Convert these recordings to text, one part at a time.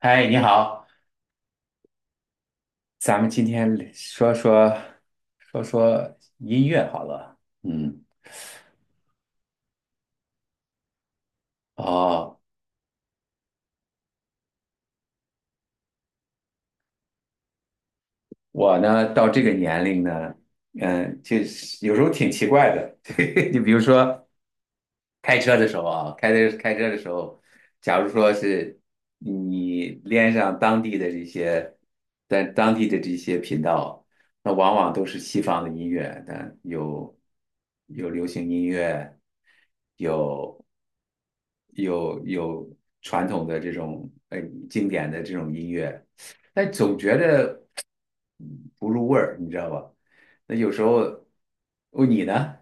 嗨，你好，咱们今天说说音乐好了。嗯，哦，我呢到这个年龄呢，就是有时候挺奇怪的。你比如说开车的时候啊，开车的时候，假如说是你连上当地的这些，在当地的这些频道，那往往都是西方的音乐，但有流行音乐，有。有传统的这种经典的这种音乐，但总觉得不入味儿，你知道吧？那有时候哦，你呢？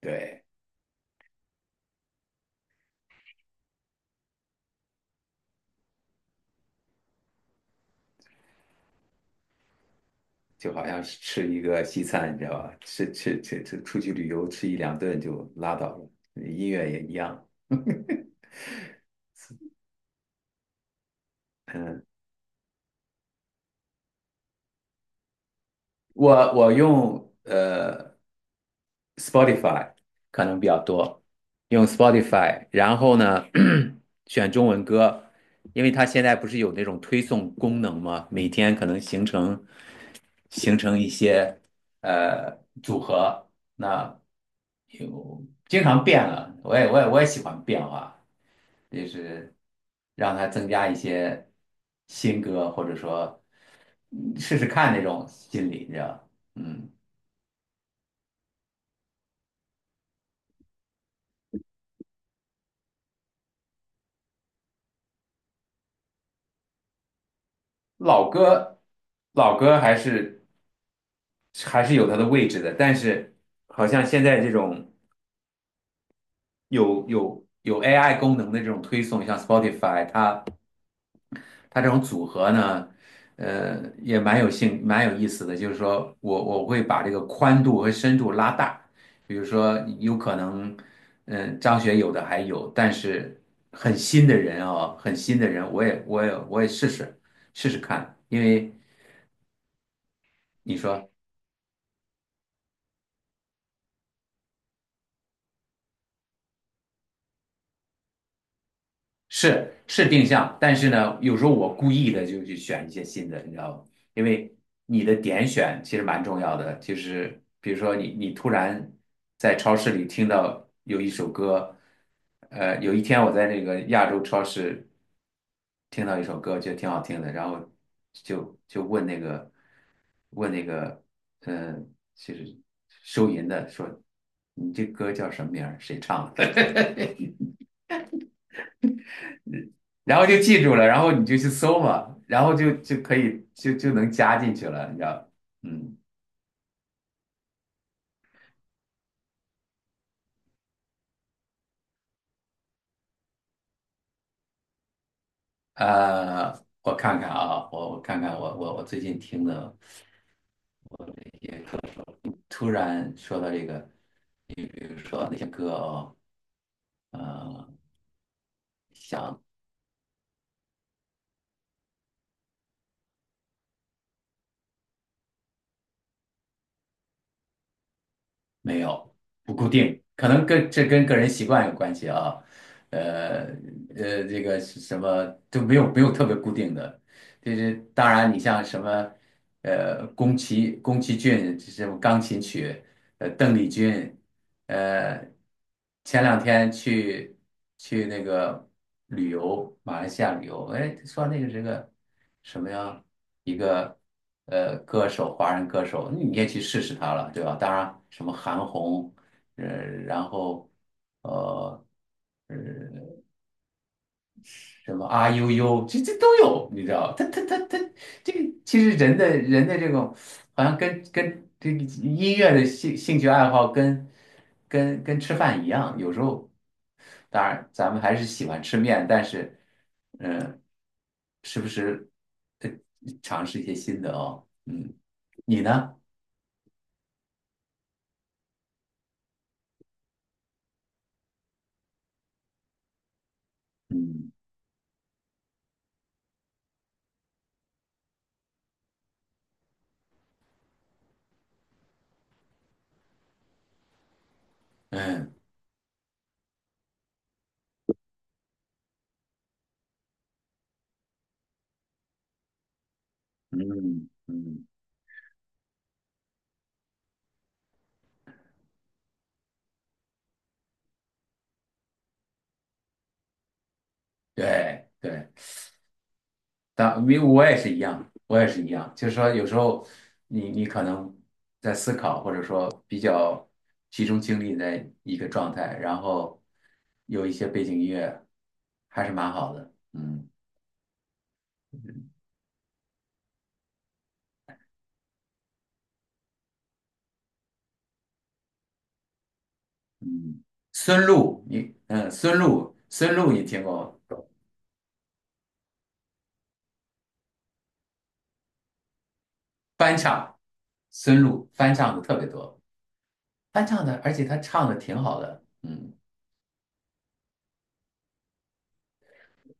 对，就好像是吃一个西餐，你知道吧？吃，出去旅游吃一两顿就拉倒了，音乐也一样。嗯，我用Spotify 可能比较多，用 Spotify,然后呢，选中文歌，因为它现在不是有那种推送功能吗？每天可能形成一些呃组合，那有经常变了，我也喜欢变化，就是让它增加一些新歌，或者说试试看那种心理，你知道，嗯。老歌，老歌还是还是有它的位置的，但是好像现在这种有 AI 功能的这种推送，像 Spotify,它这种组合呢，呃，也蛮有意思的。就是说我会把这个宽度和深度拉大，比如说有可能，嗯，张学友的还有，但是很新的人啊、很新的人，我也试试看，因为。你说。是是定向，但是呢，有时候我故意的就去选一些新的，你知道吗？因为你的点选其实蛮重要的。就是比如说你突然在超市里听到有一首歌，呃，有一天我在那个亚洲超市听到一首歌，觉得挺好听的，然后就问那个问那个，嗯、呃就是收银的说，你这歌叫什么名儿？谁唱的？然后就记住了，然后你就去搜嘛，然后就就可以就就能加进去了，你知道？嗯，呃，我看看啊，我看看我最近听的一些课，突然说到这个，呃。没有，不固定，可能跟个人习惯有关系啊。呃呃，这个是什么都没有特别固定的，就是当然你像什么宫崎骏这种钢琴曲，呃邓丽君，呃前两天去去那个旅游马来西亚旅游，哎说那个是个什么呀？一个呃歌手，华人歌手，你也去试试他了，对吧？当然，什么韩红，呃，然后呃。呃什么啊呦呦，这这都有，你知道？他，这个其实人的这种，好像跟这个音乐的兴趣爱好跟吃饭一样，有时候当然咱们还是喜欢吃面，但是嗯、呃时不时呃尝试一些新的哦，嗯，你呢？嗯嗯嗯嗯，对对。当因为我也是一样，我也是一样，就是说有时候你可能在思考，或者说比较集中精力在一个状态，然后有一些背景音乐，还是蛮好的。嗯嗯，孙露，孙露，孙露你听过翻唱，孙露翻唱的特别多，翻唱的，而且她唱的挺好的。嗯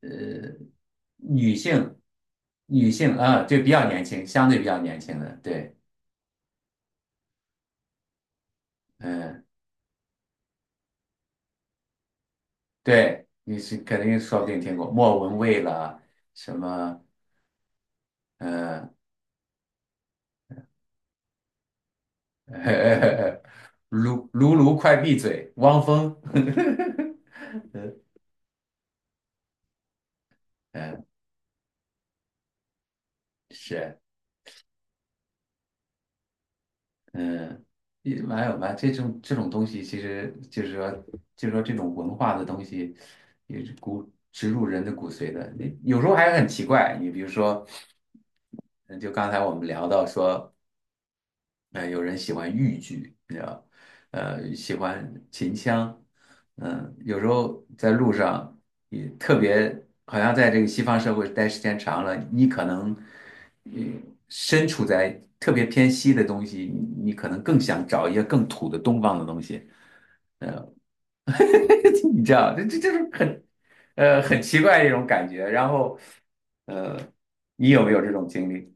呃，女性女性啊，对，比较年轻，相对比较年轻的，对。嗯，对，你是肯定说不定听过莫文蔚啦，什么，嗯、呃，卢快闭嘴，汪峰，嗯，是，嗯，也蛮有吧这种这种东西，其实就是说，就是说这种文化的东西，也是骨植入人的骨髓的，你有时候还很奇怪，你比如说。嗯就刚才我们聊到说，呃，有人喜欢豫剧，你知道，呃，喜欢秦腔，嗯，有时候在路上也特别，好像在这个西方社会待时间长了，你可能，嗯，身处在特别偏西的东西，你可能更想找一些更土的东方的东西，你知道，这就是很，呃，很奇怪的一种感觉。然后，你有没有这种经历？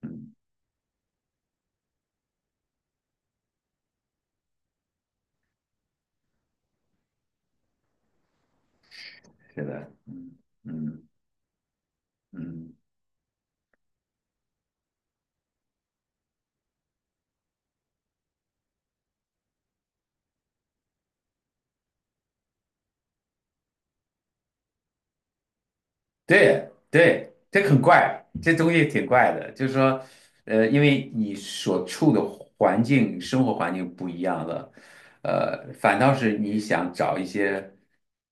嗯，是的，嗯嗯。对对，这很怪，这东西挺怪的。就是说，呃，因为你所处的环境、生活环境不一样了，呃，反倒是你想找一些，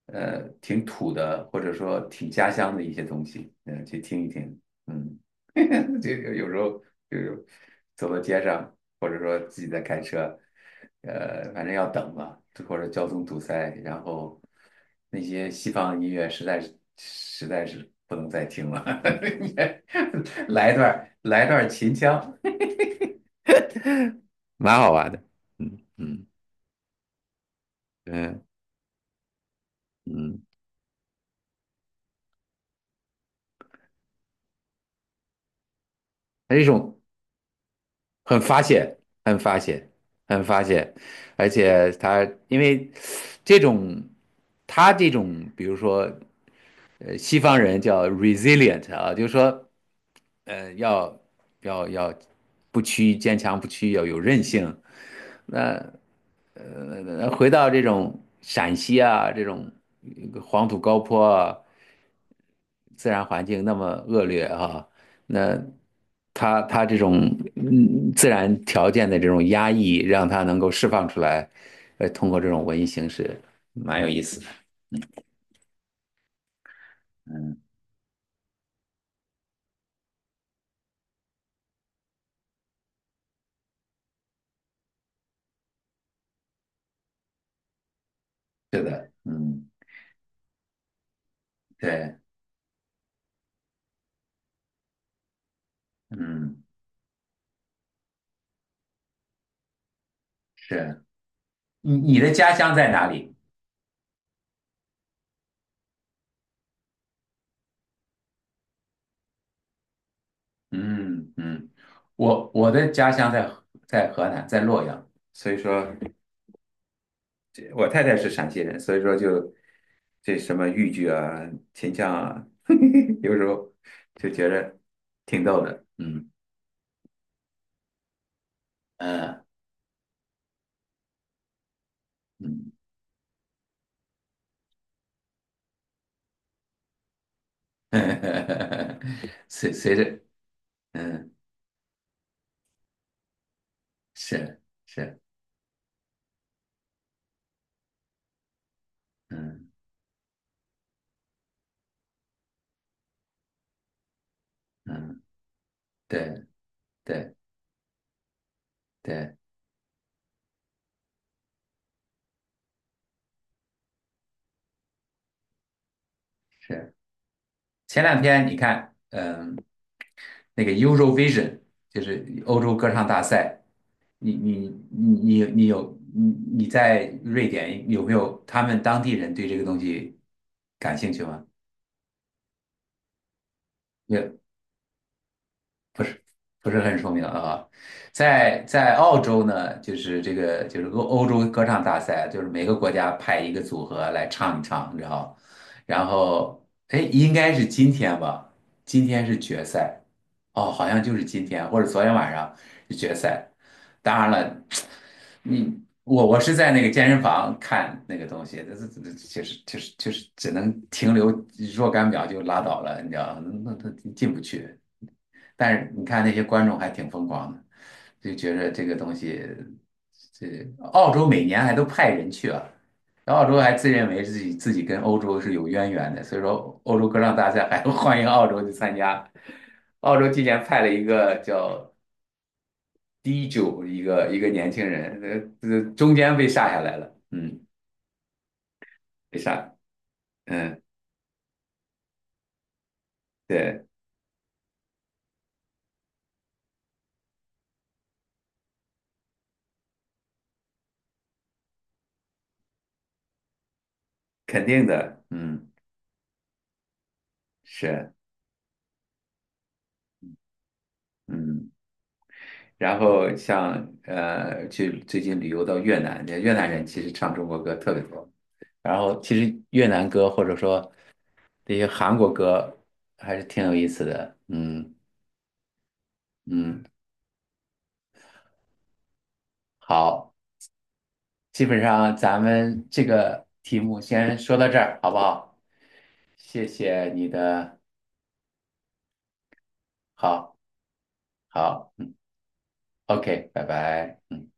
呃，挺土的，或者说挺家乡的一些东西，去听一听，嗯，就有时候就是走到街上，或者说自己在开车，呃，反正要等嘛，或者交通堵塞，然后那些西方音乐实在是不能再听了，来一段秦腔，蛮好玩的，嗯嗯嗯嗯，还是一种。很发泄，很发泄，很发泄，而且他因为这种，他这种，比如说，呃，西方人叫 resilient 啊，就是说，呃，要不屈，坚强不屈，要有韧性。那呃，回到这种陕西啊，这种呃黄土高坡啊，自然环境那么恶劣啊，那他这种自然条件的这种压抑，让他能够释放出来，呃，通过这种文艺形式，蛮有意思的。嗯，是的，嗯，对，嗯，是。你你的家乡在哪里？嗯嗯，我的家乡在河南，在洛阳，所以说。这我太太是陕西人，所以说就这什么豫剧啊、秦腔啊，有时候就觉着挺逗的。嗯嗯嗯，随着嗯是是嗯嗯对对对是。前两天你看，嗯，那个 Eurovision,就是欧洲歌唱大赛。你你在瑞典有没有他们当地人对这个东西感兴趣吗？也不是不是很出名啊。在澳洲呢，就是这个欧洲歌唱大赛啊，就是每个国家派一个组合来唱一唱，你知道？然后哎，应该是今天吧？今天是决赛哦，好像就是今天或者昨天晚上。决赛。当然了，你我是在那个健身房看那个东西，这确实只能停留若干秒就拉倒了，你知道，那他进不去。但是你看那些观众还挺疯狂的，就觉着这个东西，这澳洲每年还都派人去啊。然后澳洲还自认为自己跟欧洲是有渊源的，所以说欧洲歌唱大赛还欢迎澳洲去参加。澳洲今年派了一个叫低就一个年轻人，呃,中间被杀下来了，嗯，被杀，嗯，对，肯定的，嗯，是，嗯，然后像呃，去最近旅游到越南，越南人其实唱中国歌特别多，然后其实越南歌或者说这些韩国歌还是挺有意思的，嗯，好，基本上咱们这个题目先说到这儿，好不好？谢谢你的，好好。OK,拜拜。嗯。